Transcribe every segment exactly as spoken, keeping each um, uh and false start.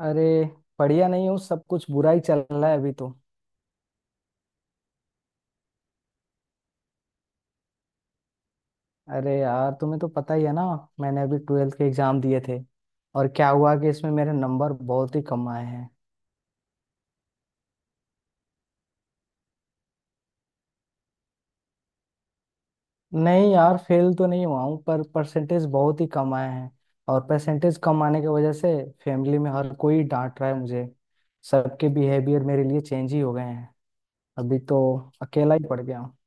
अरे, बढ़िया नहीं हूँ। सब कुछ बुरा ही चल रहा है अभी तो। अरे यार, तुम्हें तो पता ही है ना। मैंने अभी ट्वेल्थ के एग्जाम दिए थे। और क्या हुआ कि इसमें मेरे नंबर बहुत ही कम आए हैं। नहीं यार, फेल तो नहीं हुआ हूँ, पर परसेंटेज बहुत ही कम आए हैं। और परसेंटेज कम आने की वजह से फैमिली में हर कोई डांट रहा है मुझे। सबके बिहेवियर मेरे लिए चेंज ही हो गए हैं अभी तो। अकेला ही पड़ गया हूँ।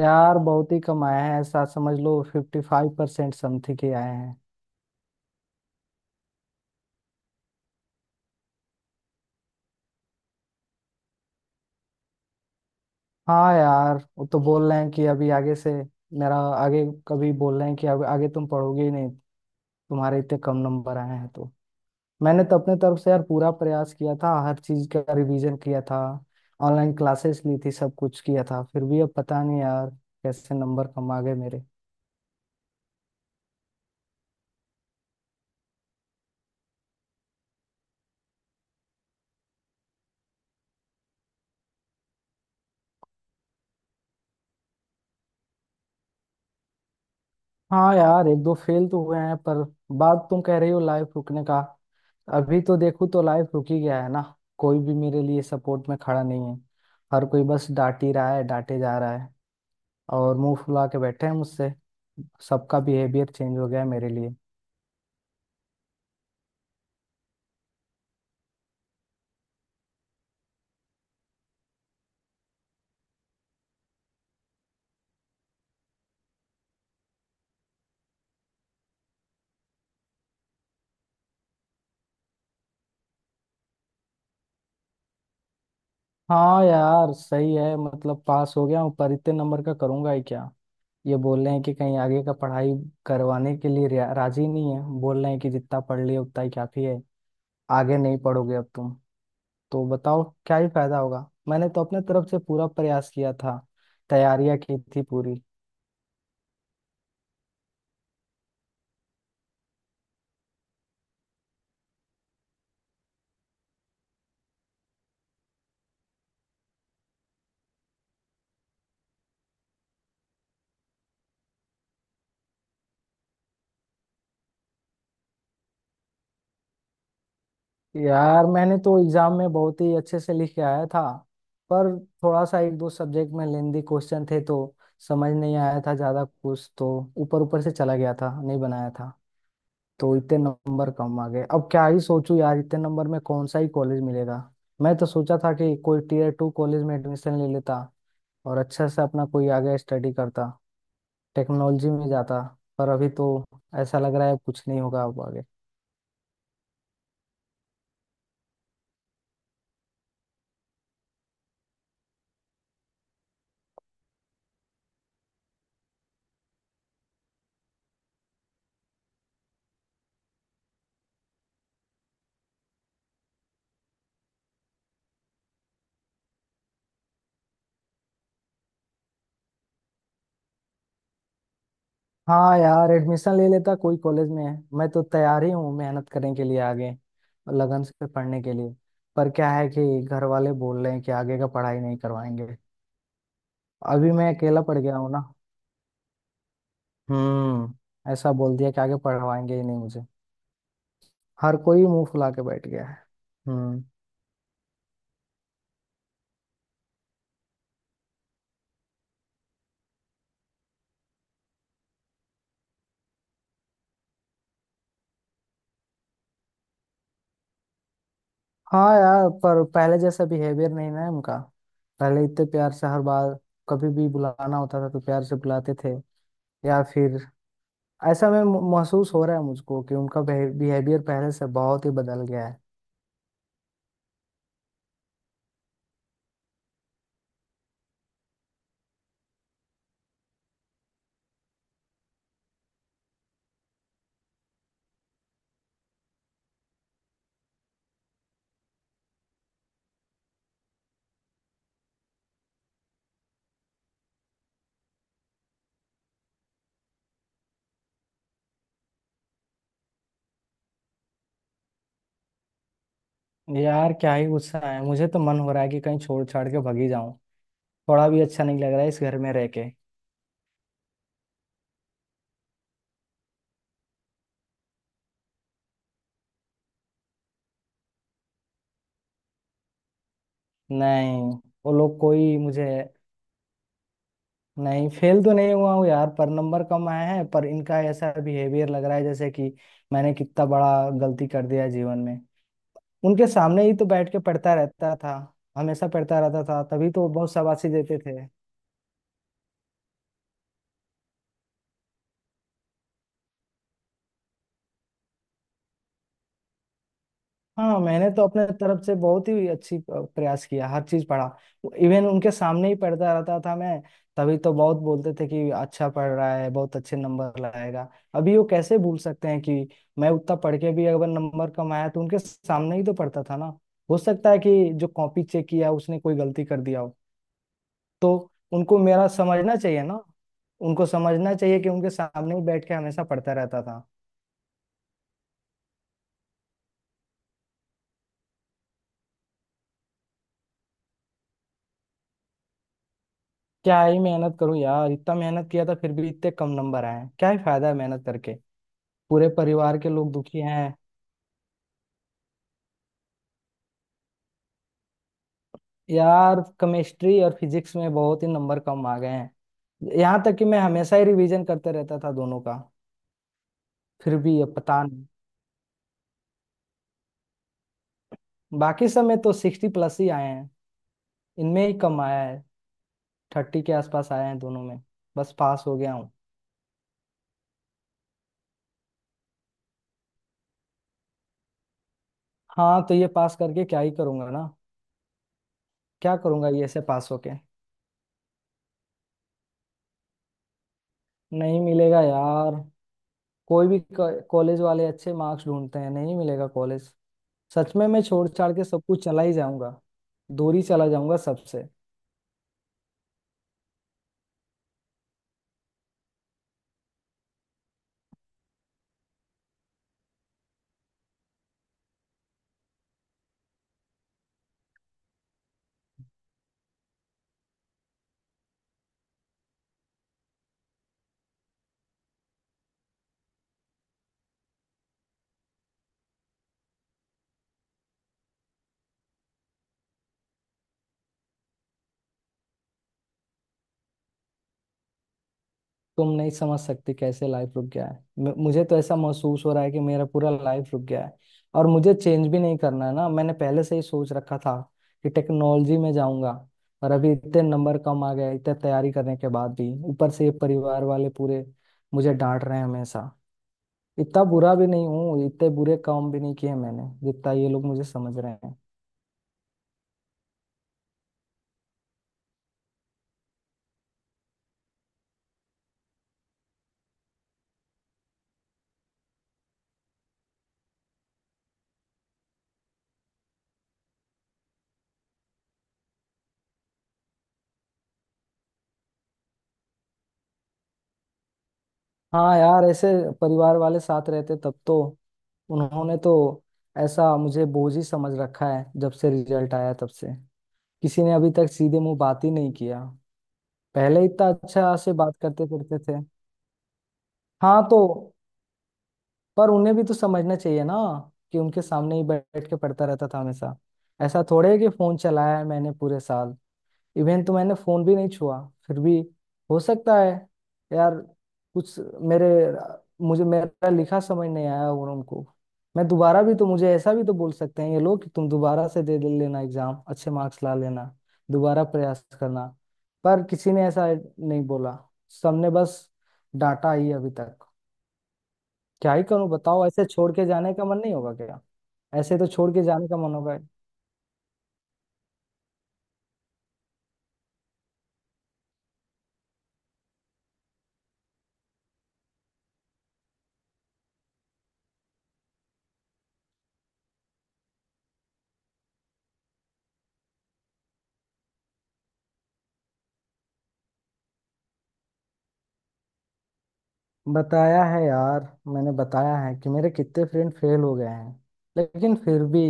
यार बहुत ही कम आए हैं, ऐसा समझ लो फिफ्टी फाइव परसेंट समथिंग के आए हैं। हाँ यार, वो तो बोल रहे हैं कि अभी आगे से मेरा आगे कभी बोल रहे हैं कि अब आगे तुम पढ़ोगे ही नहीं। तुम्हारे इतने कम नंबर आए हैं तो। मैंने तो अपने तरफ से यार पूरा प्रयास किया था, हर चीज का रिवीजन किया था। ऑनलाइन क्लासेस ली थी, सब कुछ किया था, फिर भी अब पता नहीं यार कैसे नंबर कम आ गए मेरे। हाँ यार, एक दो फेल तो हुए हैं, पर बात तुम कह रही हो लाइफ रुकने का। अभी तो देखो तो लाइफ रुक ही गया है ना। कोई भी मेरे लिए सपोर्ट में खड़ा नहीं है। हर कोई बस डांट ही रहा है, डांटे जा रहा है और मुंह फुला के बैठे हैं मुझसे। सबका बिहेवियर चेंज हो गया है मेरे लिए। हाँ यार सही है, मतलब पास हो गया हूँ पर इतने नंबर का करूंगा ही क्या। ये बोल रहे हैं कि कहीं आगे का पढ़ाई करवाने के लिए रिया- राजी नहीं है, बोल रहे हैं कि जितना पढ़ लिए उतना ही काफी है। आगे नहीं पढ़ोगे अब तुम। तो बताओ क्या ही फायदा होगा। मैंने तो अपने तरफ से पूरा प्रयास किया था, तैयारियां की थी पूरी। यार मैंने तो एग्जाम में बहुत ही अच्छे से लिख के आया था, पर थोड़ा सा एक दो सब्जेक्ट में लेंदी क्वेश्चन थे तो समझ नहीं आया था ज्यादा कुछ तो ऊपर ऊपर से चला गया था, नहीं बनाया था। तो इतने नंबर कम आ गए। अब क्या ही सोचूं यार, इतने नंबर में कौन सा ही कॉलेज मिलेगा। मैं तो सोचा था कि कोई टीयर टू कॉलेज में एडमिशन ले लेता और अच्छे से अपना कोई आगे स्टडी करता, टेक्नोलॉजी में जाता। पर अभी तो ऐसा लग रहा है कुछ नहीं होगा अब आगे। हाँ यार, एडमिशन ले लेता कोई कॉलेज में है। मैं तो तैयार ही हूँ मेहनत करने के लिए आगे और लगन से पढ़ने के लिए। पर क्या है कि घर वाले बोल रहे हैं कि आगे का पढ़ाई नहीं करवाएंगे। अभी मैं अकेला पड़ गया हूँ ना। हम्म ऐसा बोल दिया कि आगे पढ़वाएंगे ही नहीं मुझे। हर कोई मुंह फुला के बैठ गया है। हम्म। हाँ यार, पर पहले जैसा बिहेवियर नहीं ना है उनका। पहले इतने प्यार से हर बार कभी भी बुलाना होता था तो प्यार से बुलाते थे। या फिर ऐसा मैं महसूस हो रहा है मुझको कि उनका बिहेवियर पहले से बहुत ही बदल गया है। यार क्या ही गुस्सा है। मुझे तो मन हो रहा है कि कहीं छोड़ छाड़ के भागी जाऊं। थोड़ा भी अच्छा नहीं लग रहा है इस घर में रह के। नहीं, वो लोग कोई मुझे। नहीं फेल तो नहीं हुआ हूँ यार, पर नंबर कम आए हैं। पर इनका ऐसा बिहेवियर लग रहा है जैसे कि मैंने कितना बड़ा गलती कर दिया है जीवन में। उनके सामने ही तो बैठ के पढ़ता रहता था, हमेशा पढ़ता रहता था, तभी तो बहुत शाबाशी देते थे। हाँ, मैंने तो अपने तरफ से बहुत ही अच्छी अ, प्रयास किया, हर चीज पढ़ा। इवन उनके सामने ही पढ़ता रहता था मैं। तभी तो बहुत बोलते थे कि अच्छा पढ़ रहा है, बहुत अच्छे नंबर लाएगा। अभी वो कैसे भूल सकते हैं कि मैं उतना पढ़ के भी अगर नंबर कम आया तो उनके सामने ही तो पढ़ता था ना। हो सकता है कि जो कॉपी चेक किया उसने कोई गलती कर दिया हो। तो उनको मेरा समझना चाहिए ना। उनको समझना चाहिए कि उनके सामने ही बैठ के हमेशा पढ़ता रहता था। क्या ही मेहनत करूं यार, इतना मेहनत किया था फिर भी इतने कम नंबर आए हैं। क्या ही फायदा है मेहनत करके। पूरे परिवार के लोग दुखी हैं। यार केमिस्ट्री और फिजिक्स में बहुत ही नंबर कम आ गए हैं, यहाँ तक कि मैं हमेशा ही रिवीजन करते रहता था दोनों का। फिर भी ये पता नहीं। बाकी सब में तो सिक्सटी प्लस ही आए हैं, इनमें ही कम आया है। थर्टी के आसपास आए हैं दोनों में। बस पास हो गया हूँ। हाँ, तो ये पास करके क्या ही करूंगा ना। क्या करूंगा ये से पास होके। नहीं मिलेगा यार, कोई भी कॉलेज वाले अच्छे मार्क्स ढूंढते हैं, नहीं मिलेगा कॉलेज। सच में मैं छोड़ छाड़ के सब कुछ चला ही जाऊंगा, दूर ही चला जाऊंगा सबसे। तुम नहीं समझ सकती कैसे लाइफ रुक गया है। म- मुझे तो ऐसा महसूस हो रहा है कि मेरा पूरा लाइफ रुक गया है। और मुझे चेंज भी नहीं करना है ना, मैंने पहले से ही सोच रखा था कि टेक्नोलॉजी में जाऊंगा। और अभी इतने नंबर कम आ गए, इतने तैयारी करने के बाद भी। ऊपर से ये परिवार वाले पूरे मुझे डांट रहे हैं हमेशा। इतना बुरा भी नहीं हूँ, इतने बुरे काम भी नहीं किए मैंने जितना ये लोग मुझे समझ रहे हैं। हाँ यार, ऐसे परिवार वाले साथ रहते तब तो। उन्होंने तो ऐसा मुझे बोझ ही समझ रखा है जब से रिजल्ट आया तब से। किसी ने अभी तक सीधे मुंह बात ही नहीं किया, पहले इतना अच्छा से बात करते करते थे। हाँ, तो पर उन्हें भी तो समझना चाहिए ना कि उनके सामने ही बैठ के पढ़ता रहता था हमेशा। ऐसा थोड़े है कि फोन चलाया है मैंने पूरे साल, इवन तो मैंने फोन भी नहीं छुआ। फिर भी हो सकता है यार कुछ मेरे मुझे मेरा लिखा समझ नहीं आया। और उनको मैं दोबारा भी तो मुझे ऐसा भी तो बोल सकते हैं ये लोग कि तुम दोबारा से दे, दे लेना एग्जाम, अच्छे मार्क्स ला लेना, दोबारा प्रयास करना। पर किसी ने ऐसा नहीं बोला, सबने बस डांटा ही अभी तक। क्या ही करूं बताओ, ऐसे छोड़ के जाने का मन नहीं होगा क्या। ऐसे तो छोड़ के जाने का मन होगा। बताया है यार, मैंने बताया है कि मेरे कितने फ्रेंड फेल हो गए हैं। लेकिन फिर भी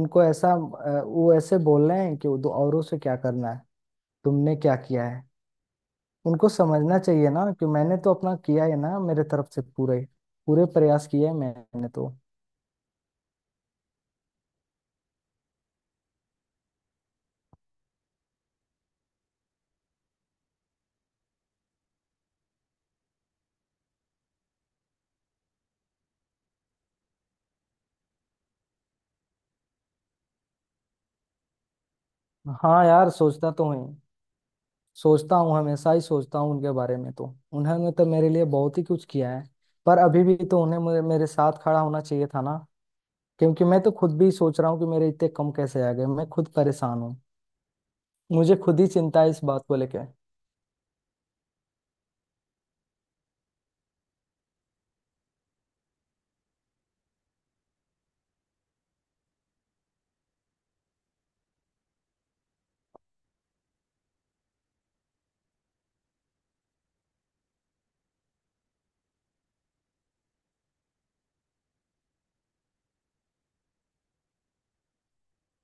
उनको ऐसा अ, वो ऐसे बोल रहे हैं कि दो औरों से क्या करना है, तुमने क्या किया है। उनको समझना चाहिए ना कि मैंने तो अपना किया है ना, मेरे तरफ से पूरे पूरे प्रयास किए हैं मैंने तो। हाँ यार सोचता तो हूँ, सोचता हूँ, हमेशा ही सोचता हूँ उनके बारे में तो। उन्होंने तो मेरे लिए बहुत ही कुछ किया है। पर अभी भी तो उन्हें मेरे मेरे साथ खड़ा होना चाहिए था ना। क्योंकि मैं तो खुद भी सोच रहा हूँ कि मेरे इतने कम कैसे आ गए, मैं खुद परेशान हूँ। मुझे खुद ही चिंता है इस बात को लेकर।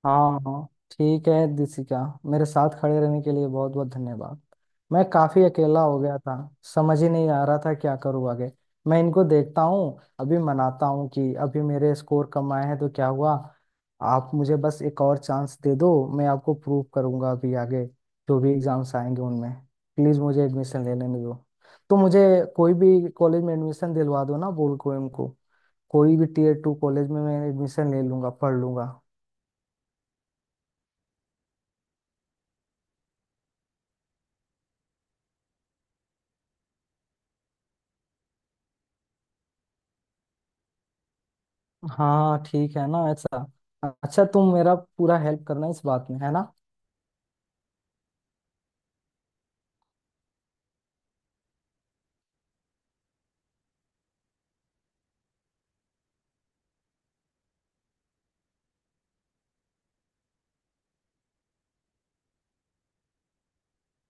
हाँ हाँ, ठीक है दिसिका। मेरे साथ खड़े रहने के लिए बहुत बहुत धन्यवाद। मैं काफी अकेला हो गया था, समझ ही नहीं आ रहा था क्या करूँ आगे। मैं इनको देखता हूँ, अभी मनाता हूँ कि अभी मेरे स्कोर कम आए हैं तो क्या हुआ, आप मुझे बस एक और चांस दे दो। मैं आपको प्रूव करूँगा अभी आगे जो भी एग्जाम्स आएंगे उनमें। प्लीज मुझे एडमिशन ले लेने दो। तो मुझे कोई भी कॉलेज में एडमिशन दिलवा दो ना, बोल कोएम को इनको। कोई भी टीयर टू कॉलेज में मैं एडमिशन ले लूंगा, पढ़ लूंगा। हाँ ठीक है ना ऐसा। अच्छा तुम मेरा पूरा हेल्प करना इस बात में है ना।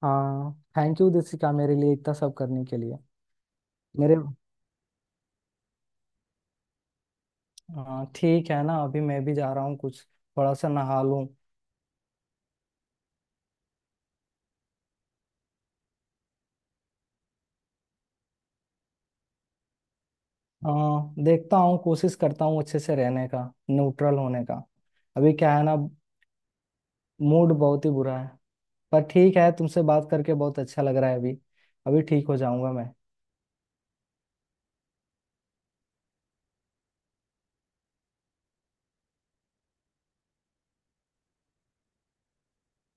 हाँ थैंक यू दिसिका, मेरे लिए इतना सब करने के लिए। मेरे हाँ ठीक है ना, अभी मैं भी जा रहा हूँ कुछ, थोड़ा सा नहा लूँ। हाँ देखता हूँ, कोशिश करता हूँ अच्छे से रहने का, न्यूट्रल होने का। अभी क्या है ना, मूड बहुत ही बुरा है। पर ठीक है, तुमसे बात करके बहुत अच्छा लग रहा है अभी। अभी ठीक हो जाऊंगा मैं।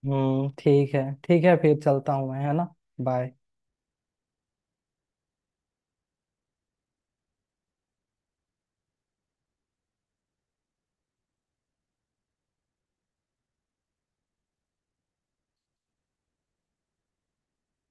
हम्म ठीक है ठीक है, फिर चलता हूँ मैं, है ना। बाय।